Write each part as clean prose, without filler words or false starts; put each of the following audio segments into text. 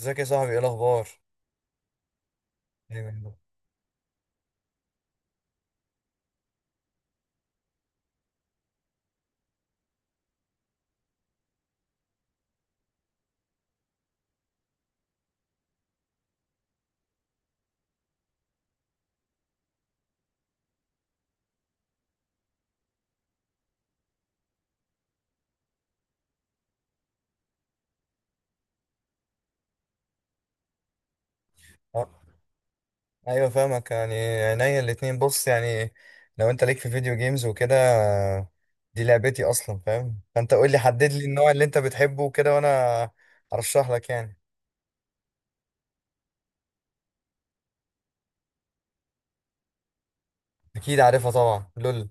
ازيك يا صاحبي، ايه الاخبار؟ ايوه. آه، أيوة، فاهمك يعني، عينيا الاتنين. بص، يعني لو انت ليك في فيديو جيمز وكده، دي لعبتي اصلا فاهم. فانت قول لي، حدد لي النوع اللي انت بتحبه وكده، وانا ارشح لك يعني. اكيد عارفها طبعا، لول.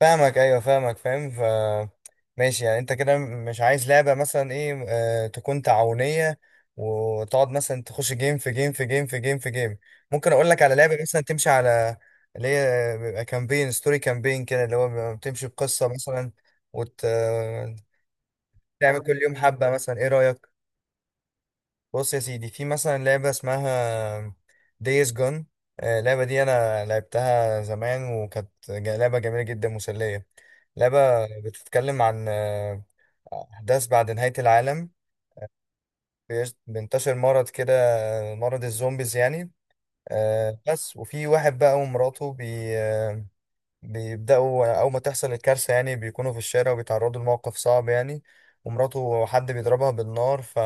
فاهمك، ايوه، فاهمك فاهم. ماشي، يعني انت كده مش عايز لعبه مثلا، ايه، تكون تعاونيه، وتقعد مثلا تخش جيم في جيم في جيم في جيم في جيم. ممكن اقول لك على لعبه مثلا، تمشي على اللي هي بيبقى كامبين ستوري، كامبين كده اللي هو بيبقى بتمشي بقصه مثلا، وت آه، تعمل كل يوم حبه مثلا. ايه رايك؟ بص يا سيدي، في مثلا لعبة اسمها ديز جون. اللعبة دي أنا لعبتها زمان وكانت لعبة جميلة جدا، مسلية. لعبة بتتكلم عن أحداث بعد نهاية العالم. بينتشر مرض كده، مرض الزومبيز يعني. بس وفي واحد بقى ومراته بي آه، بيبدأوا أول ما تحصل الكارثة يعني، بيكونوا في الشارع وبيتعرضوا لموقف صعب يعني. ومراته حد بيضربها بالنار، ف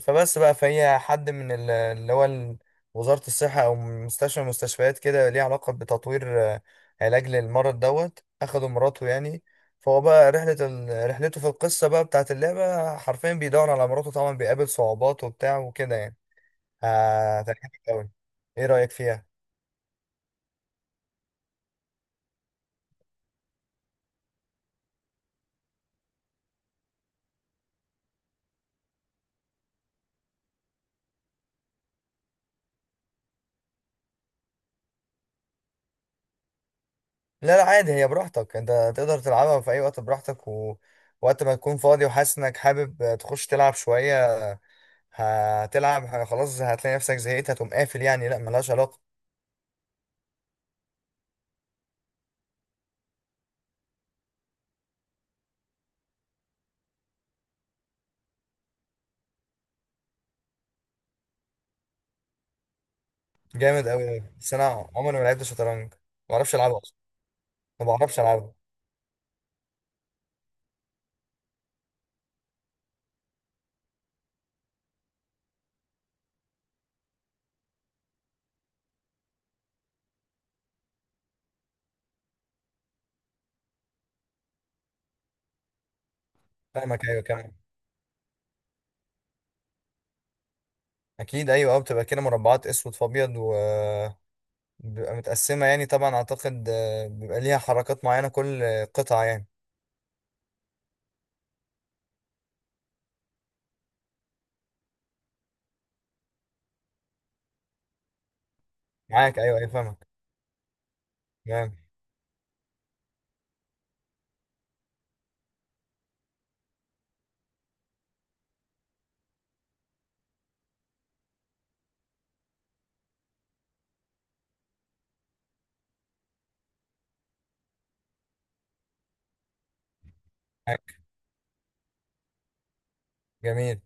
فبس بقى، فهي حد من وزارة الصحة أو مستشفى من المستشفيات كده، ليه علاقة بتطوير علاج للمرض، دوت أخده مراته يعني. فهو بقى رحلته في القصة بقى بتاعت اللعبة، حرفيا بيدور على مراته، طبعا بيقابل صعوبات وبتاع وكده يعني. هتعجبك أوي. إيه رأيك فيها؟ لا، لا، عادي، هي براحتك أنت، تقدر تلعبها في أي وقت براحتك، وقت ما تكون فاضي وحاسس إنك حابب تخش تلعب شوية هتلعب، خلاص هتلاقي نفسك زهقت، هتقوم قافل يعني، لا ملهاش علاقة. جامد أوي، بس أنا عمري ما لعبت شطرنج، ما بعرفش ألعبها أصلا، ما بعرفش ألعبها. فاهمك، أيوة كمان. أكيد، أيوة، أه، بتبقى كده مربعات أسود في أبيض، و بيبقى متقسمة يعني، طبعا أعتقد بيبقى ليها حركات معينة كل قطعة يعني. معاك، أيوة أيوة، فاهمك. تمام. معاك. جميل.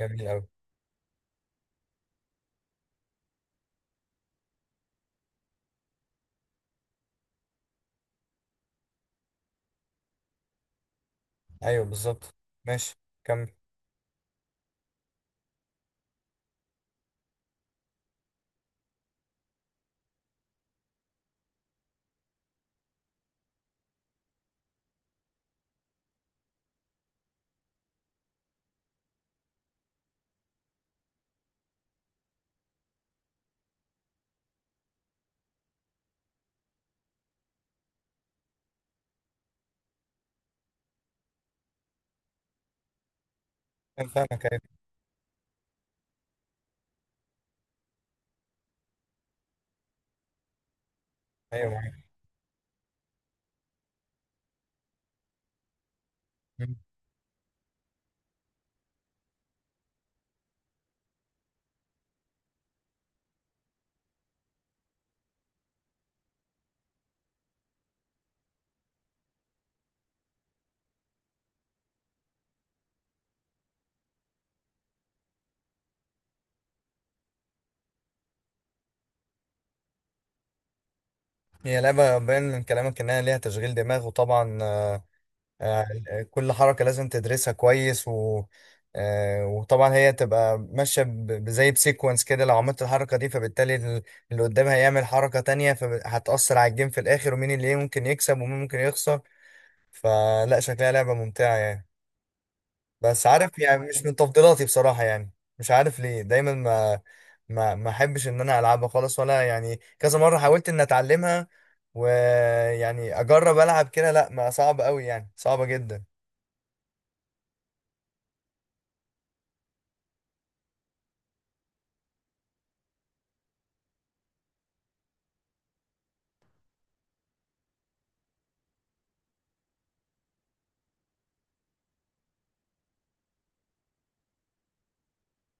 جميل أوي. أيوة، بالظبط. ماشي، كمل. أنا فاهمك، أيوة أيوة، معاك. مم. هي لعبة باين من كلامك إنها ليها تشغيل دماغ، وطبعا آه، كل حركة لازم تدرسها كويس، و آه، وطبعا هي تبقى ماشية زي بسيكونس كده، لو عملت الحركة دي فبالتالي اللي قدامها هيعمل حركة تانية، فهتأثر على الجيم في الآخر، ومين اللي إيه ممكن يكسب ومين ممكن يخسر. فلا، شكلها لعبة ممتعة يعني. بس عارف، يعني مش من تفضيلاتي بصراحة يعني، مش عارف ليه دايما ما احبش ان انا العبها خالص، ولا يعني كذا مرة حاولت ان اتعلمها ويعني اجرب العب كده، لا، ما، صعب قوي يعني، صعبة جدا.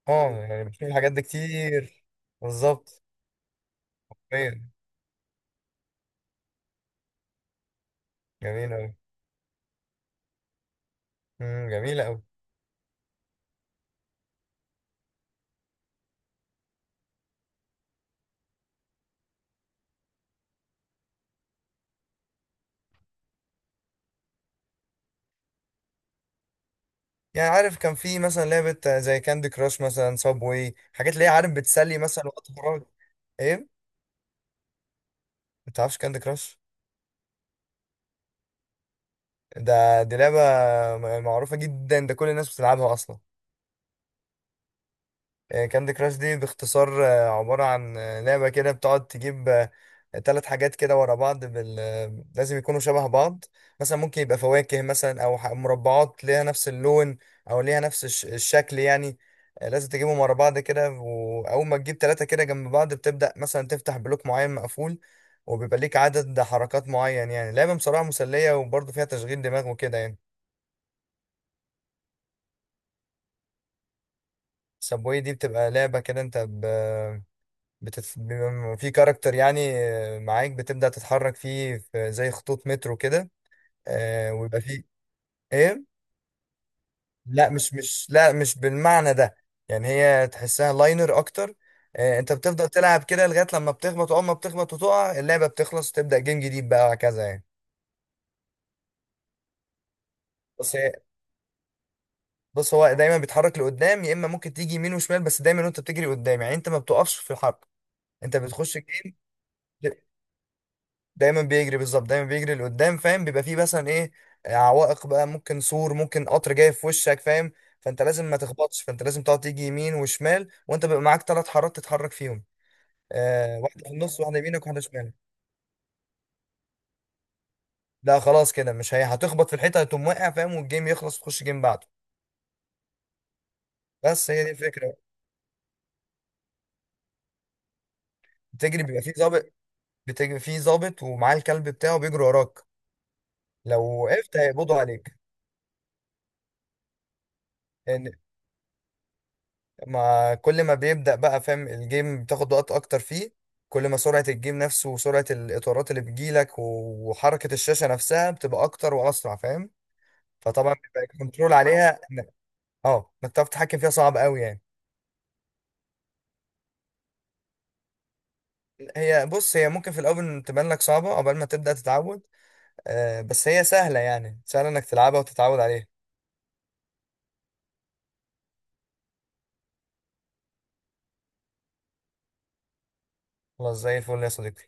اه، يعني بتشوف الحاجات دي كتير. بالظبط. ايوه. جميلة أوي. جميلة أوي. يعني عارف، كان في مثلا لعبة زي كاندي كراش مثلا، صابوي، حاجات اللي هي عارف بتسلي مثلا وقت فراغ. ايه؟ ما تعرفش كاندي كراش؟ دي لعبة معروفة جدا، ده كل الناس بتلعبها أصلا. كاندي كراش دي باختصار عبارة عن لعبة كده، بتقعد تجيب تلات حاجات كده ورا بعض بال... آه، لازم يكونوا شبه بعض، مثلا ممكن يبقى فواكه مثلا، أو مربعات ليها نفس اللون، أو ليها نفس الشكل يعني. لازم تجيبهم ورا بعض كده، وأول ما تجيب تلاتة كده جنب بعض بتبدأ مثلا تفتح بلوك معين مقفول، وبيبقى ليك عدد حركات معين، يعني لعبة بصراحة مسلية، وبرضه فيها تشغيل دماغ وكده يعني. سبوي دي بتبقى لعبة كده، انت بيبقى في كاركتر يعني معاك، بتبدأ تتحرك فيه في زي خطوط مترو كده، ويبقى فيه ايه. لا، مش مش لا، مش بالمعنى ده. يعني هي تحسها لاينر اكتر. انت بتفضل تلعب كده لغاية لما بتخبط، واول ما بتخبط وتقع اللعبة بتخلص وتبدأ جيم جديد بقى، وهكذا يعني. بس هي- بص هو دايما بيتحرك لقدام، يا اما ممكن تيجي يمين وشمال، بس دايما وانت بتجري قدام يعني، انت ما بتقفش في الحرب، انت بتخش الجيم. دايما بيجري، بالظبط دايما بيجري لقدام فاهم، بيبقى فيه مثلا ايه عوائق بقى، ممكن سور، ممكن قطر جاي في وشك فاهم. فانت لازم ما تخبطش، فانت لازم تقعد تيجي يمين وشمال، وانت بيبقى معاك ثلاث حارات تتحرك فيهم، واحده في النص، واحده يمينك، واحده شمالك. لا، خلاص كده، مش هي هتخبط في الحيطه، هتقوم واقع فاهم، والجيم يخلص تخش جيم بعده. بس هي دي الفكره. بتجري بيبقى فيه ظابط، بتجري فيه ظابط ومعاه الكلب بتاعه بيجري وراك. لو وقفت هيقبضوا عليك. يعني ما كل ما بيبدأ بقى فاهم الجيم بتاخد وقت اكتر فيه، كل ما سرعة الجيم نفسه وسرعة الاطارات اللي بتجيلك وحركة الشاشة نفسها بتبقى اكتر واسرع فاهم. فطبعا بيبقى الكنترول عليها انك تعرف تتحكم فيها صعب قوي يعني. بص هي ممكن في الاول تبان لك صعبة، عقبال ما تبدأ تتعود، بس هي سهلة، يعني سهلة انك تلعبها وتتعود عليها. خلاص زي الفل يا صديقي.